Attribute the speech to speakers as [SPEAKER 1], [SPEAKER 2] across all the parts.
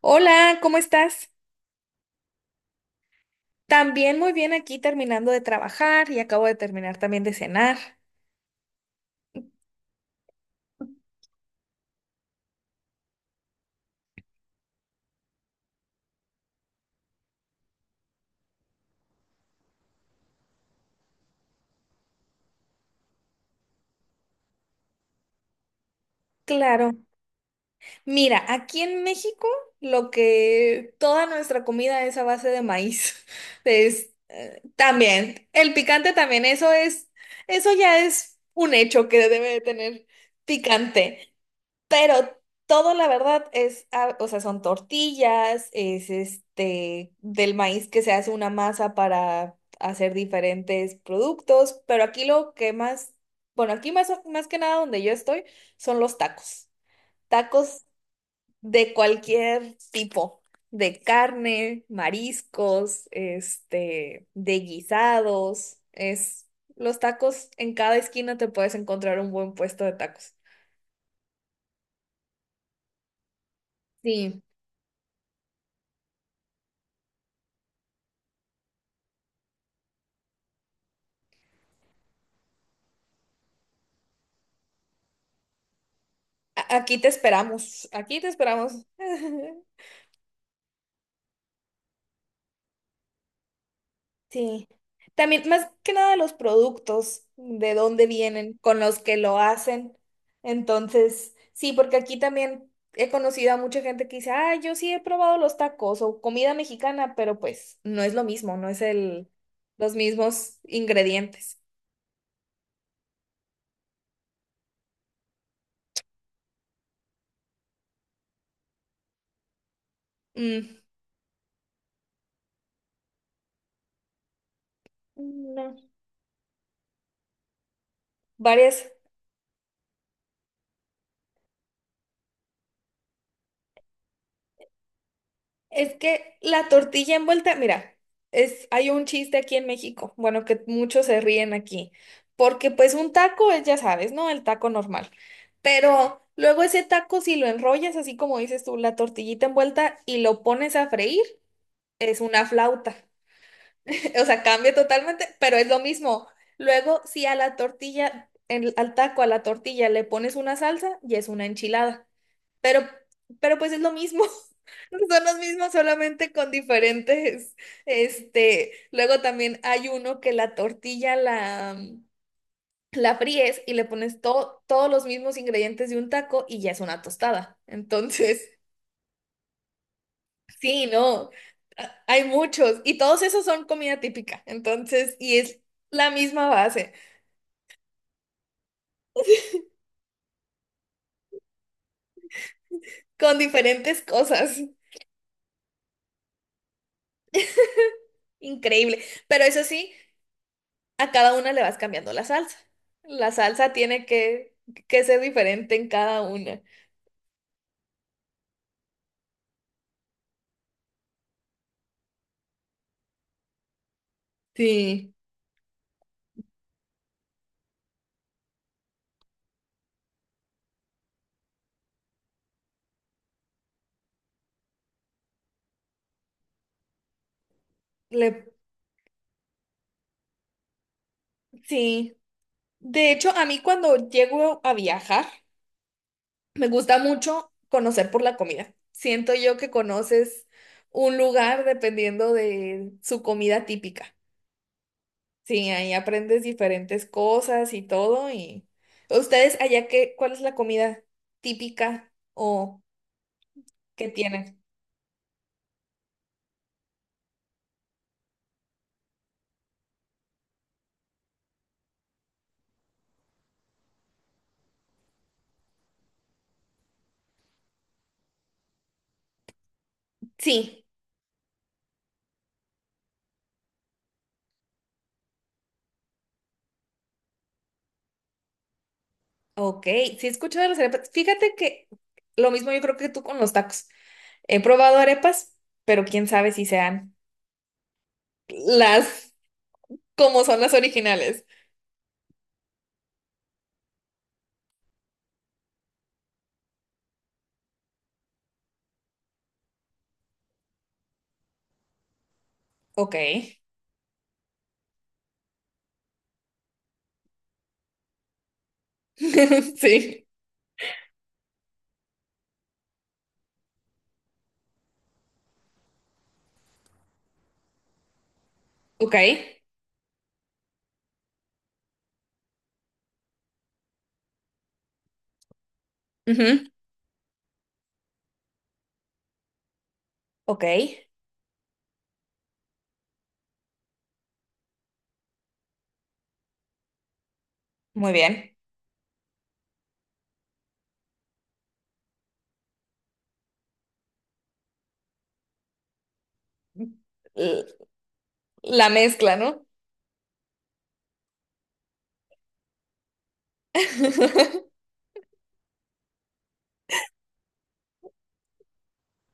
[SPEAKER 1] Hola, ¿cómo estás? También muy bien aquí terminando de trabajar y acabo de terminar también de cenar. Claro. Mira, aquí en México lo que toda nuestra comida es a base de maíz. Es, también, el picante también, eso es, eso ya es un hecho que debe de tener picante. Pero todo, la verdad, es, o sea, son tortillas, es del maíz que se hace una masa para hacer diferentes productos, pero aquí lo que más, bueno, aquí más, más que nada donde yo estoy, son los tacos. Tacos de cualquier tipo, de carne, mariscos, de guisados, es, los tacos, en cada esquina te puedes encontrar un buen puesto de tacos. Sí. Aquí te esperamos, aquí te esperamos. Sí. También, más que nada, los productos, de dónde vienen, con los que lo hacen. Entonces, sí, porque aquí también he conocido a mucha gente que dice, ah, yo sí he probado los tacos o comida mexicana, pero pues no es lo mismo, no es el, los mismos ingredientes. Mm. No. Varias. Es que la tortilla envuelta, mira, es, hay un chiste aquí en México, bueno, que muchos se ríen aquí, porque pues un taco es, ya sabes, ¿no? El taco normal. Pero luego ese taco, si lo enrollas, así como dices tú, la tortillita envuelta y lo pones a freír, es una flauta. O sea, cambia totalmente, pero es lo mismo. Luego, si a la tortilla, al taco, a la tortilla le pones una salsa, ya es una enchilada. Pero, pero pues es lo mismo. Son los mismos, solamente con diferentes, luego también hay uno que la fríes y le pones todos los mismos ingredientes de un taco y ya es una tostada. Entonces, sí, no, hay muchos y todos esos son comida típica. Entonces, y es la misma base, con diferentes cosas. Increíble. Pero eso sí, a cada una le vas cambiando la salsa. La salsa tiene que ser diferente en cada una. Sí. Le- sí. De hecho, a mí cuando llego a viajar, me gusta mucho conocer por la comida. Siento yo que conoces un lugar dependiendo de su comida típica. Sí, ahí aprendes diferentes cosas y todo. Y ustedes allá qué, ¿cuál es la comida típica o que tienen? Sí. Ok, sí he escuchado de las arepas. Fíjate que lo mismo yo creo que tú con los tacos. He probado arepas, pero quién sabe si sean las como son las originales. Ok. Sí. Ok. Ujú. Ok. Muy bien. L- La mezcla, ¿no?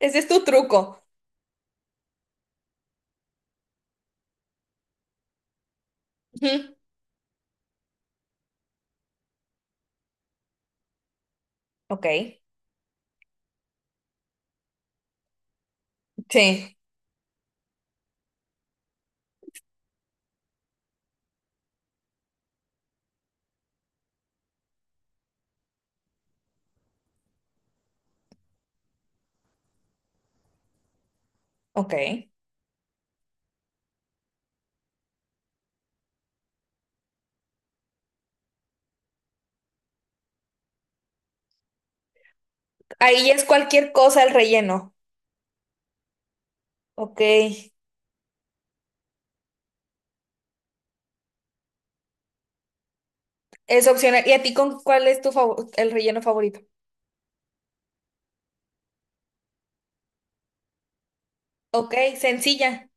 [SPEAKER 1] Ese es tu truco. Ujú. Ok. Sí. Ok. Ahí es cualquier cosa el relleno. Ok. Es opcional. ¿Y a ti con cuál es tu favor el relleno favorito? Ok, sencilla.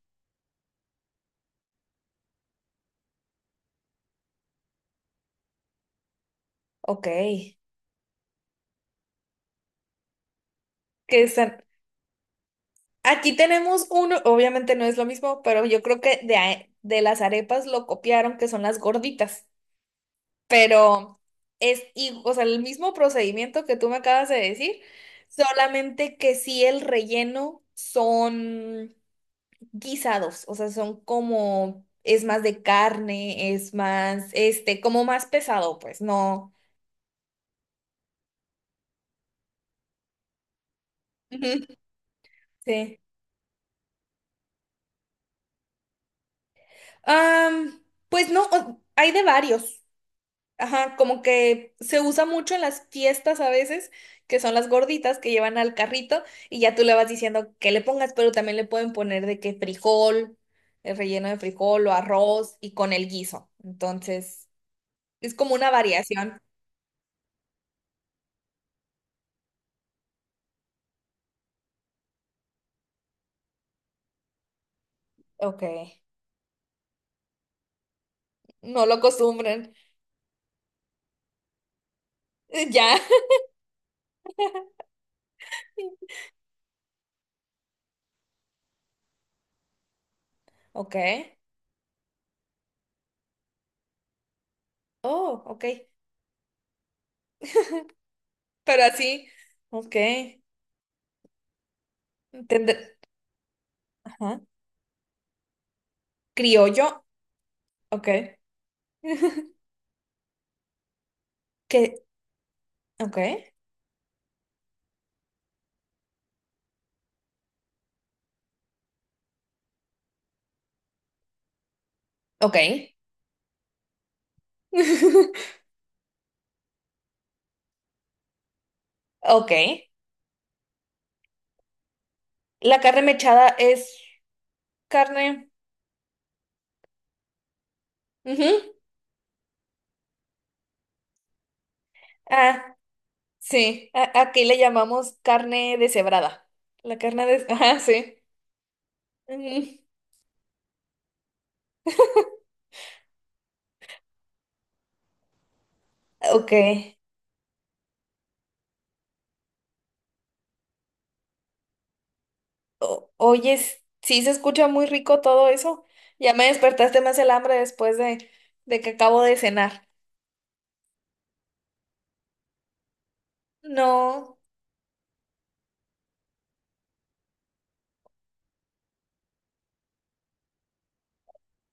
[SPEAKER 1] Ok. Que san- Aquí tenemos uno, obviamente no es lo mismo, pero yo creo que de las arepas lo copiaron, que son las gorditas. Pero es, o sea, el mismo procedimiento que tú me acabas de decir, solamente que sí el relleno son guisados, o sea, son como, es más de carne, es más, como más pesado, pues, no. Ujú. Sí. Am, pues no, hay de varios. Ajá, como que se usa mucho en las fiestas a veces, que son las gorditas que llevan al carrito y ya tú le vas diciendo que le pongas, pero también le pueden poner de que frijol, el relleno de frijol o arroz y con el guiso. Entonces, es como una variación. Ok, no lo acostumbran. Ya. Ok. Oh, ok. Pero así. Ok. Entender. Ajá. Criollo. Ok. qué. Ok. Ok. Ok. La carne mechada es carne. Ujú. Ah, sí. Aquí le llamamos carne deshebrada. La carne de... Ajá, sí. Ujú. Ok. Oye, sí se escucha muy rico todo eso. Ya me despertaste más el hambre después de que acabo de cenar. No.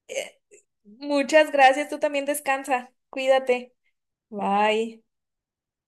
[SPEAKER 1] eh, muchas gracias. Tú también descansa. Cuídate. Bye.